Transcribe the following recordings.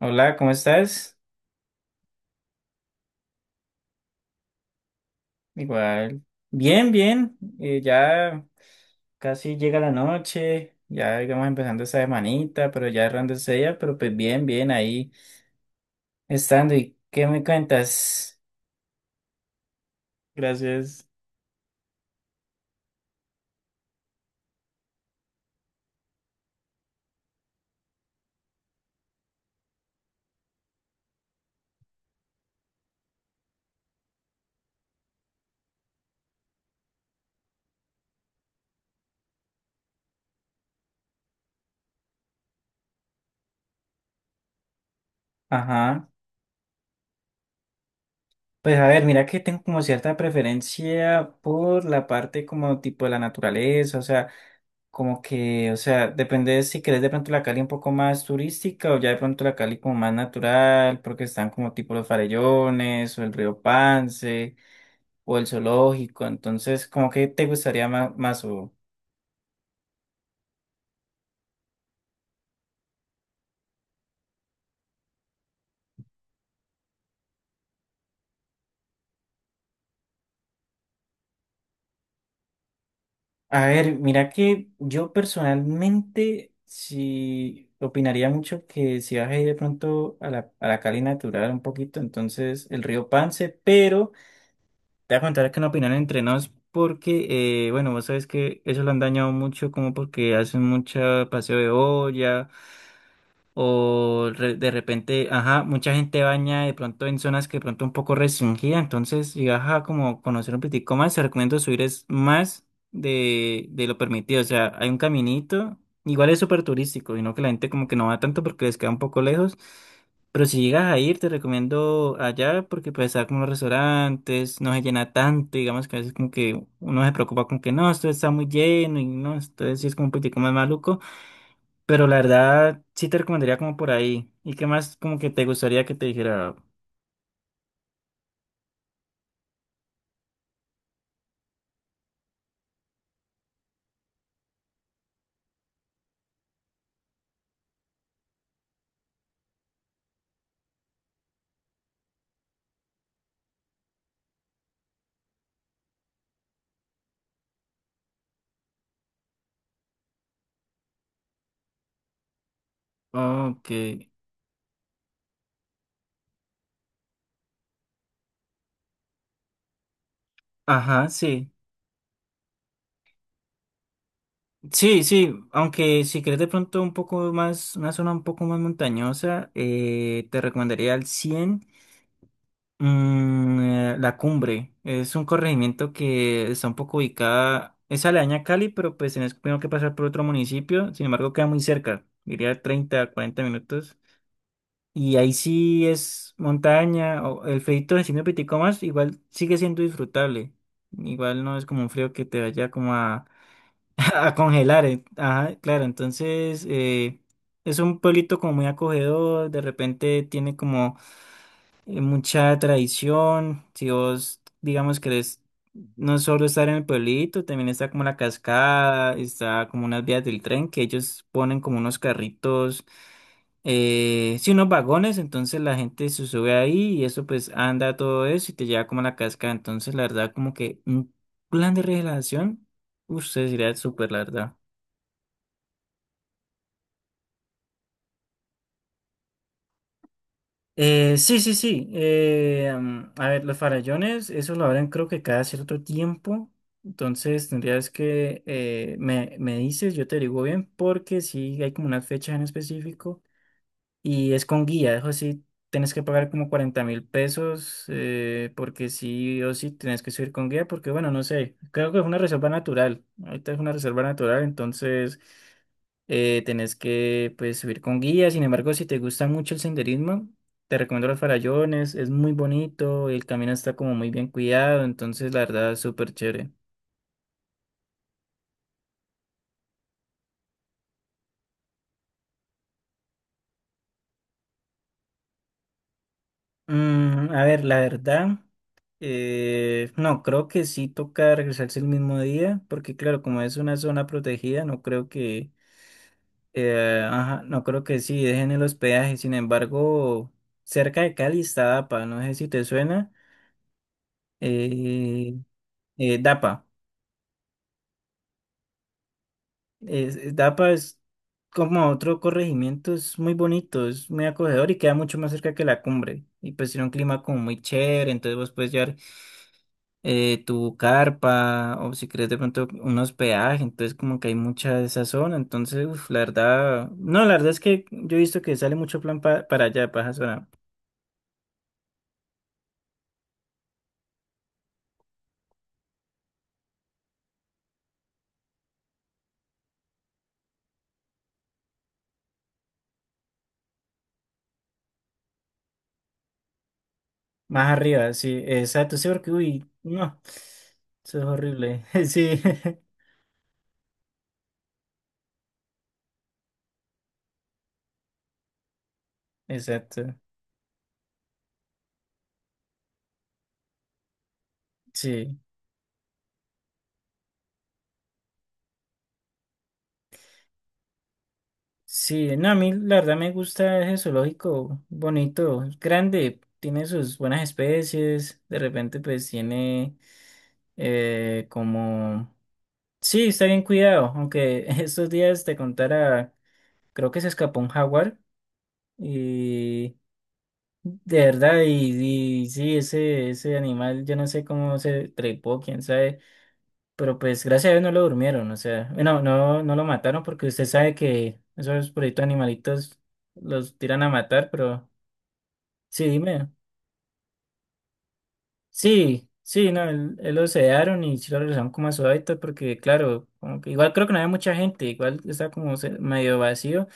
Hola, ¿cómo estás? Igual. Bien, bien. Ya casi llega la noche, ya digamos empezando esta semanita, pero ya errándose ella, pero pues bien, bien, ahí estando. ¿Y qué me cuentas? Gracias. Ajá. Pues a ver, mira que tengo como cierta preferencia por la parte como tipo de la naturaleza, o sea. Como que, o sea, depende de si querés de pronto la Cali un poco más turística o ya de pronto la Cali como más natural, porque están como tipo los farellones o el río Pance o el zoológico. Entonces, como que te gustaría más, más o... A ver, mira que yo personalmente sí opinaría mucho que si vas a ir de pronto a a la Cali natural un poquito, entonces el río Pance, pero... Te voy a contar acá una opinión entre nos porque, bueno, vos sabes que eso lo han dañado mucho como porque hacen mucho paseo de olla, o de repente, ajá, mucha gente baña de pronto en zonas que de pronto un poco restringida, entonces, y ajá, como conocer un poquitico más, te recomiendo subir es más de lo permitido, o sea, hay un caminito, igual es súper turístico, y no que la gente como que no va tanto porque les queda un poco lejos, pero si llegas a ir, te recomiendo allá porque puedes estar como los restaurantes, no se llena tanto, digamos que a veces como que uno se preocupa con que no, esto está muy lleno y no, entonces sí es como un poquitico más maluco. Pero la verdad, sí te recomendaría como por ahí. ¿Y qué más como que te gustaría que te dijera? Ok. Ajá, sí. Sí, sí. Aunque si quieres de pronto un poco más, una zona un poco más montañosa, te recomendaría al La Cumbre. Es un corregimiento que está un poco ubicada, es aledaña a Cali, pero pues tienes primero que pasar por otro municipio. Sin embargo, queda muy cerca. Diría 30, 40 minutos. Y ahí sí es montaña, o el frío encima de signo pitico más igual sigue siendo disfrutable. Igual no es como un frío que te vaya como a, a congelar. Ajá, claro, entonces es un pueblito como muy acogedor, de repente tiene como mucha tradición. Si vos, digamos, querés no solo estar en el pueblito, también está como la cascada, está como unas vías del tren que ellos ponen como unos carritos, sí, unos vagones. Entonces la gente se sube ahí y eso pues anda todo eso y te lleva como a la cascada. Entonces, la verdad, como que un plan de relajación, usted sería súper, la verdad. Sí, sí, sí. A ver, los farallones, eso lo abren creo que cada cierto tiempo. Entonces tendrías que me dices, yo te digo bien, porque sí hay como una fecha en específico. Y es con guía, eso sí, tienes que pagar como 40.000 pesos, porque sí o sí tienes que subir con guía, porque bueno, no sé, creo que es una reserva natural, ahorita es una reserva natural, entonces tenés que pues subir con guía, sin embargo, si te gusta mucho el senderismo, te recomiendo los farallones, es muy bonito, el camino está como muy bien cuidado, entonces la verdad es súper chévere. A ver, la verdad, no, creo que sí toca regresarse el mismo día, porque claro, como es una zona protegida, no creo que, ajá, no creo que sí dejen el hospedaje. Sin embargo, cerca de Cali está DAPA, no sé si te suena, eh, DAPA. DAPA es como otro corregimiento, es muy bonito, es muy acogedor y queda mucho más cerca que la cumbre. Y pues tiene un clima como muy chévere, entonces vos puedes llevar tu carpa o si crees de pronto un hospedaje, entonces como que hay mucha de esa zona, entonces uf, la verdad, no, la verdad es que yo he visto que sale mucho plan para allá, para esa zona, más arriba, sí, exacto, sí, porque uy, no, eso es horrible, sí, exacto, sí, sí, no, a mí la verdad me gusta ese zoológico, bonito, es grande, tiene sus buenas especies, de repente pues tiene como... Sí, está bien cuidado, aunque estos días te contara, creo que se escapó un jaguar y de verdad, y sí, ese animal, yo no sé cómo se trepó, quién sabe, pero pues gracias a Dios no lo durmieron, o sea, bueno, no, no lo mataron porque usted sabe que esos proyectos animalitos los tiran a matar, pero sí, dime, sí, sí, no, él lo sedaron y sí lo regresaron como a su hábitat porque claro, como que igual creo que no había mucha gente, igual está como medio vacío.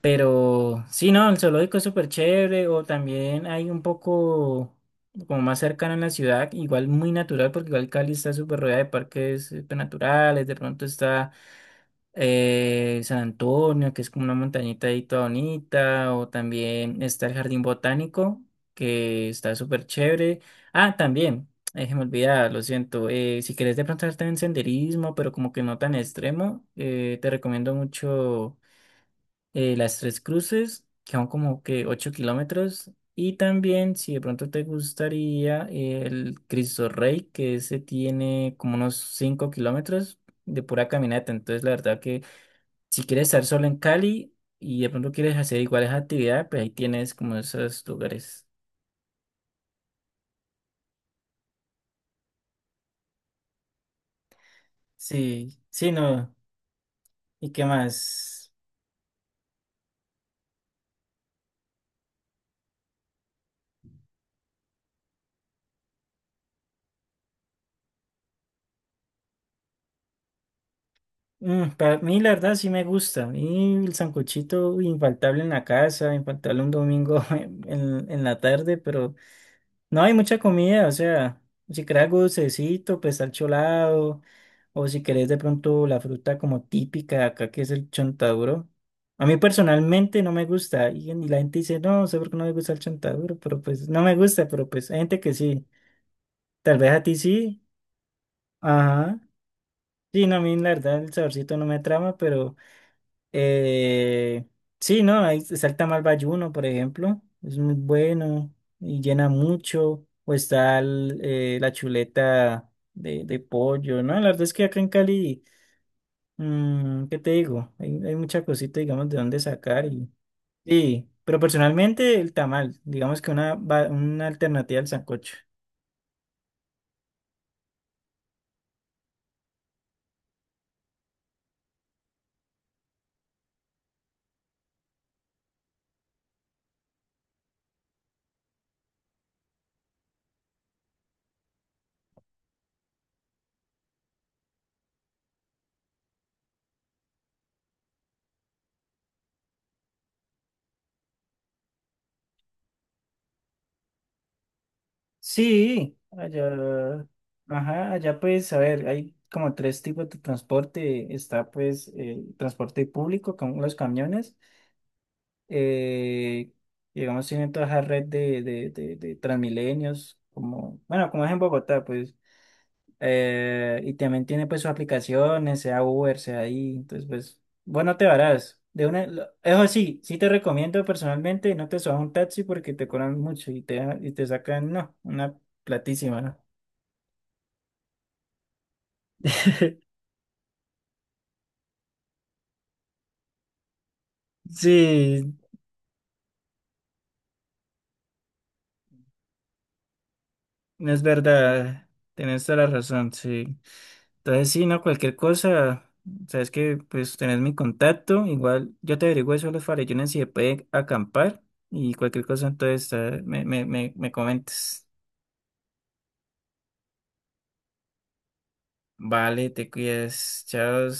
Pero sí, no, el zoológico es súper chévere o también hay un poco como más cercano en la ciudad, igual muy natural porque igual Cali está súper rodeada de parques naturales, de pronto está San Antonio, que es como una montañita ahí toda bonita, o también está el Jardín Botánico, que está súper chévere. Ah, también, se me olvidaba, lo siento, si quieres de pronto hacer también senderismo, pero como que no tan extremo, te recomiendo mucho las Tres Cruces, que son como que 8 kilómetros. Y también, si de pronto te gustaría, el Cristo Rey, que ese tiene como unos 5 kilómetros de pura caminata. Entonces, la verdad que si quieres estar solo en Cali y de pronto quieres hacer iguales actividades, pues ahí tienes como esos lugares. Sí, sí, no. ¿Y qué más? Para mí, la verdad, sí me gusta. Y el sancochito infaltable en la casa, infaltable un domingo en la tarde, pero no hay mucha comida, o sea, si querés algo dulcecito, pues al cholado, o si querés de pronto la fruta como típica de acá, que es el chontaduro. A mí personalmente no me gusta, y la gente dice, no, no sé por qué no me gusta el chontaduro, pero pues no me gusta, pero pues hay gente que sí, tal vez a ti sí, ajá. Sí, no, a mí la verdad el saborcito no me trama, pero Eh, sí, ¿no? Ahí salta mal Bayuno, por ejemplo. Es muy bueno y llena mucho. O está la chuleta de pollo, ¿no? La verdad es que acá en Cali, ¿qué te digo? Hay mucha cosita, digamos, de dónde sacar. Sí, pero personalmente el tamal, digamos que una, una alternativa al sancocho. Sí, allá, ajá, allá pues, a ver, hay como tres tipos de transporte. Está pues el transporte público, como los camiones. Eh, digamos, tienen toda esa red de Transmilenios, como, bueno, como es en Bogotá, pues. Y también tiene pues sus aplicaciones, sea Uber, sea ahí. Entonces, pues, bueno, te varás. De una, eso sí, sí te recomiendo personalmente, no te subas a un taxi porque te cobran mucho y te sacan, no, una platísima, ¿no? Sí, es verdad, tenés toda la razón, sí. Entonces, sí, no, cualquier cosa, sabes que pues tenés mi contacto, igual yo te averiguo eso de los farellones si se puede acampar y cualquier cosa, entonces me comentes. Vale, te cuidas, chao.